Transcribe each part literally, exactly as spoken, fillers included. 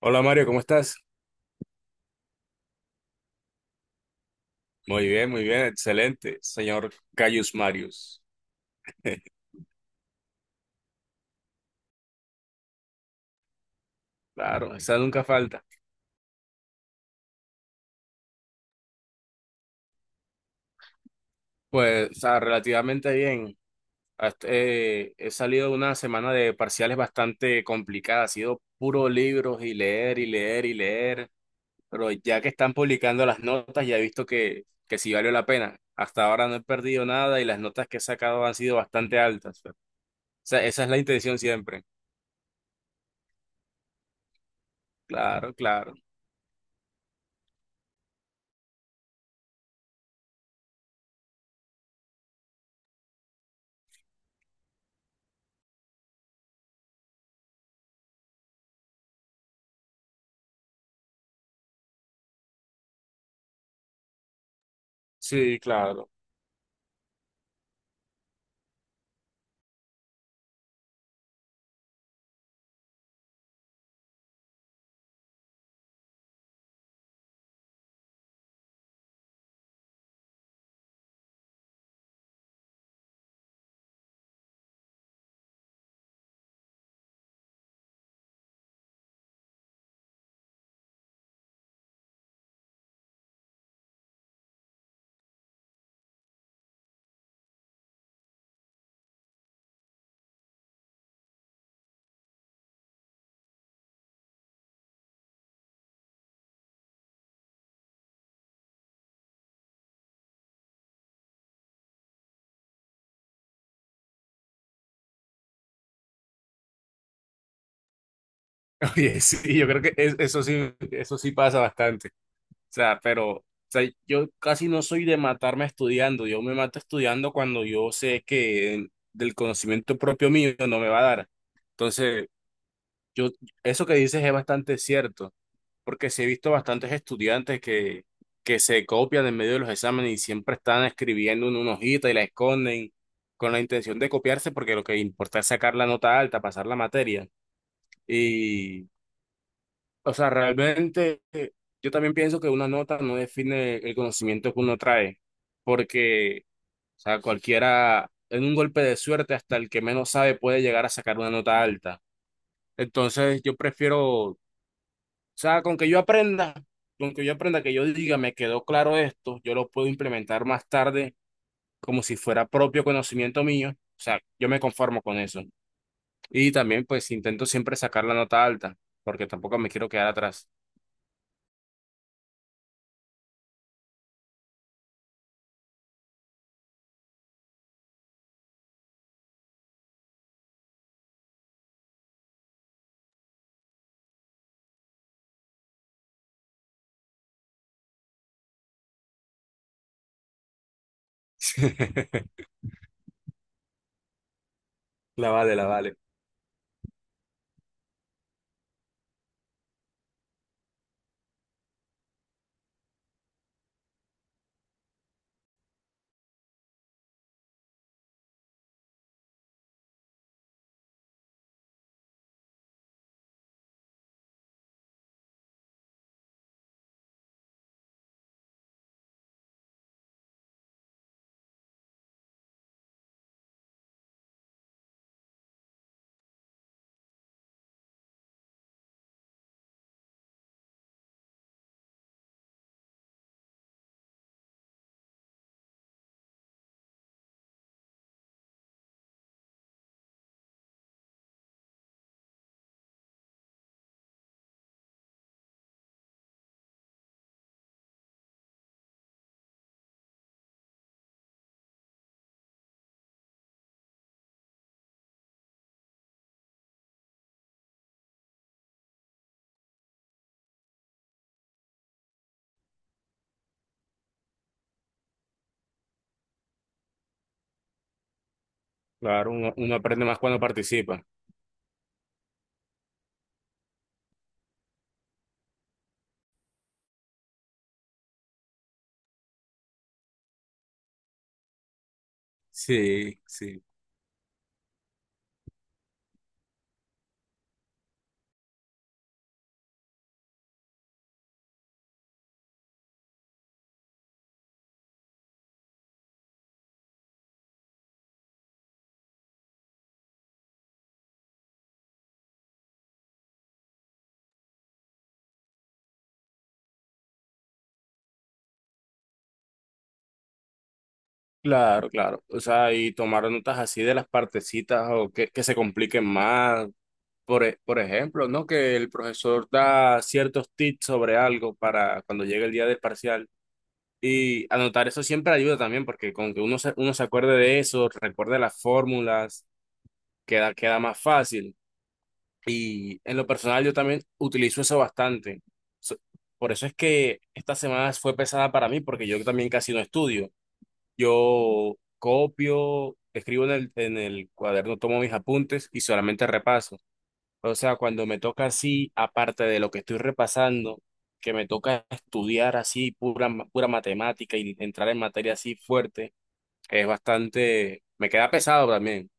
Hola Mario, ¿cómo estás? Muy bien, muy bien, excelente, señor Cayus Marius. Claro, esa nunca falta. Pues, o sea, relativamente bien. Hasta- eh, he salido de una semana de parciales bastante complicada, ha sido puro libros y leer y leer y leer, pero ya que están publicando las notas, ya he visto que, que sí valió la pena. Hasta ahora no he perdido nada y las notas que he sacado han sido bastante altas. O sea, esa es la intención siempre. Claro, claro. Sí, claro. Oye, sí, yo creo que es- eso sí, eso sí pasa bastante. O sea, pero, o sea, yo casi no soy de matarme estudiando. Yo me mato estudiando cuando yo sé que eh, del conocimiento propio mío no me va a dar. Entonces, yo, eso que dices es bastante cierto, porque sí he visto bastantes estudiantes que, que se copian en medio de los exámenes y siempre están escribiendo en una hojita y la esconden con la intención de copiarse porque lo que importa es sacar la nota alta, pasar la materia. O sea, realmente eh, yo también pienso que una nota no define el conocimiento que uno trae, porque, o sea, cualquiera, en un golpe de suerte, hasta el que menos sabe puede llegar a sacar una nota alta. Entonces, yo prefiero, o sea, con que yo aprenda, con que yo aprenda, que yo diga, me quedó claro esto, yo lo puedo implementar más tarde como si fuera propio conocimiento mío. O sea, yo me conformo con eso. Y también, pues, intento siempre sacar la nota alta, porque tampoco me quiero quedar atrás. La vale, la vale. Claro, uno, uno aprende más cuando participa. Sí, sí. Claro, claro. O sea, y tomar notas así de las partecitas o que, que se compliquen más. Por, e- por ejemplo, ¿no? Que el profesor da ciertos tips sobre algo para cuando llegue el día del parcial. Y anotar eso siempre ayuda también, porque con que uno se, uno se acuerde de eso, recuerde las fórmulas, queda, queda más fácil. Y en lo personal yo también utilizo eso bastante. So- Por eso es que esta semana fue pesada para mí porque yo también casi no estudio. Yo copio, escribo en el, en el cuaderno, tomo mis apuntes y solamente repaso. O sea, cuando me toca así, aparte de lo que estoy repasando, que me toca estudiar así pura, ma- pura matemática y entrar en materia así fuerte, es bastante, me queda pesado también.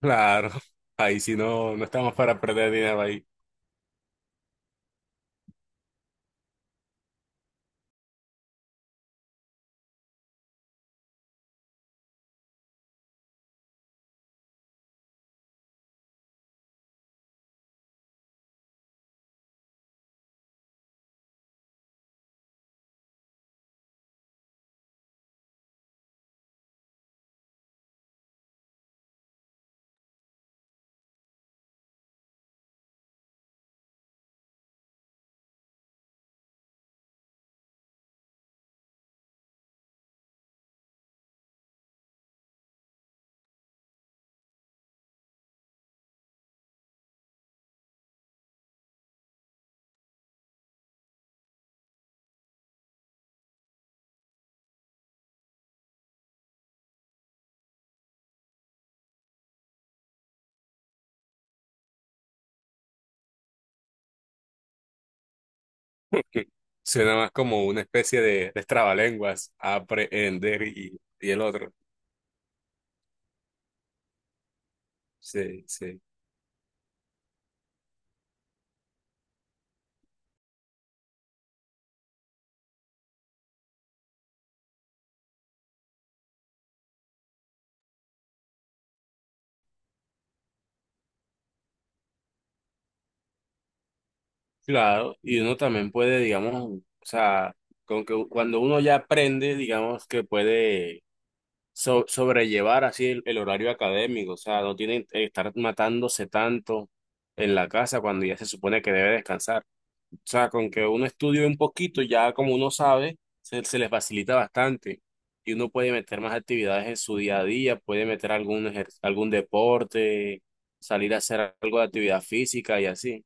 Claro, ahí si no, no estamos para perder dinero ahí. Suena más como una especie de, de trabalenguas, aprender y, y el otro. Sí, sí. Claro, y uno también puede, digamos, o sea, con que cuando uno ya aprende, digamos que puede so- sobrellevar así el, el horario académico, o sea, no tiene que estar matándose tanto en la casa cuando ya se supone que debe descansar. O sea, con que uno estudie un poquito, ya como uno sabe, se, se les facilita bastante. Y uno puede meter más actividades en su día a día, puede meter algún ejer- algún deporte, salir a hacer algo de actividad física y así.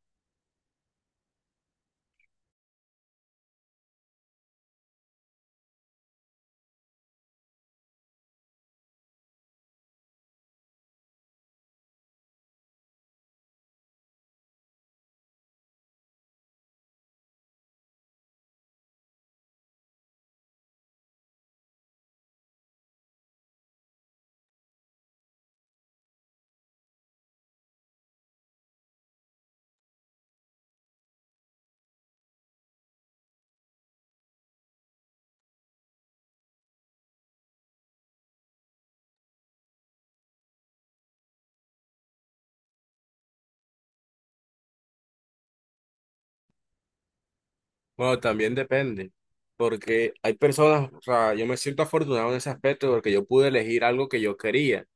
Bueno, también depende, porque hay personas, o sea, yo me siento afortunado en ese aspecto porque yo pude elegir algo que yo quería,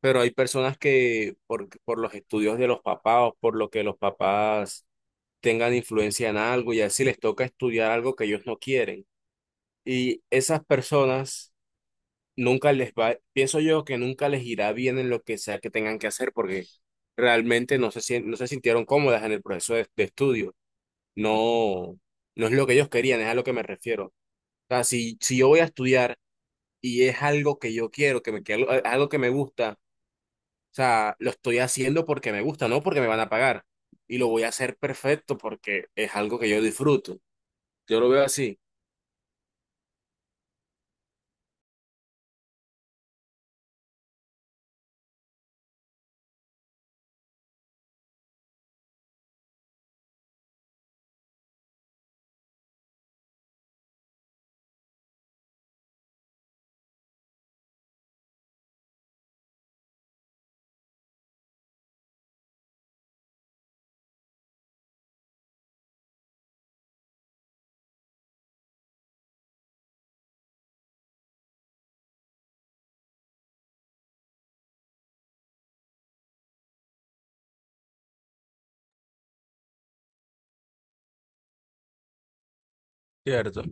pero hay personas que por, por los estudios de los papás o por lo que los papás tengan influencia en algo y así les toca estudiar algo que ellos no quieren. Y esas personas nunca les va, pienso yo que nunca les irá bien en lo que sea que tengan que hacer porque realmente no se, sien- no se sintieron cómodas en el proceso de, de estudio. No, no es lo que ellos querían, es a lo que me refiero. O sea, si, si yo voy a estudiar y es algo que yo quiero, que me, que algo, algo que me gusta, o sea, lo estoy haciendo porque me gusta, no porque me van a pagar. Y lo voy a hacer perfecto porque es algo que yo disfruto. Yo lo veo así. Cierto.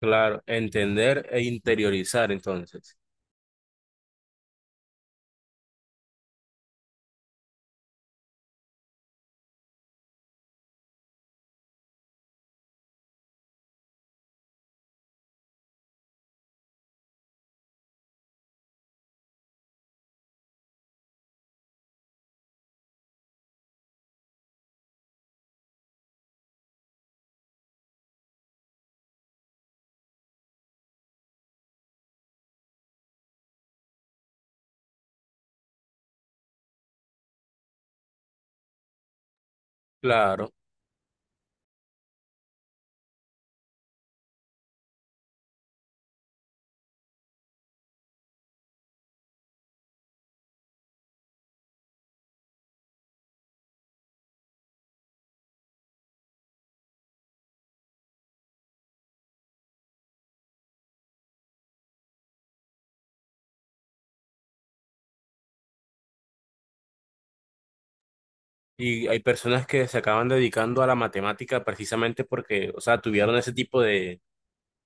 Claro, entender e interiorizar entonces. Claro. Y hay personas que se acaban dedicando a la matemática precisamente porque, o sea, tuvieron ese tipo de,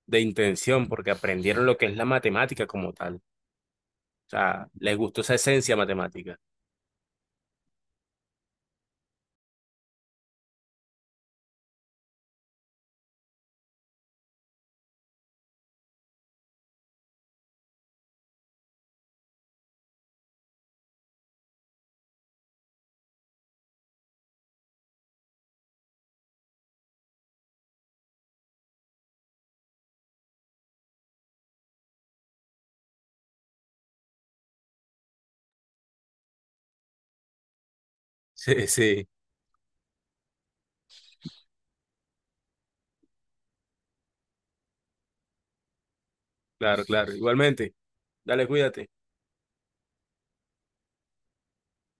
de intención, porque aprendieron lo que es la matemática como tal. O sea, les gustó esa esencia matemática. Sí, sí, claro, claro. Igualmente, dale, cuídate.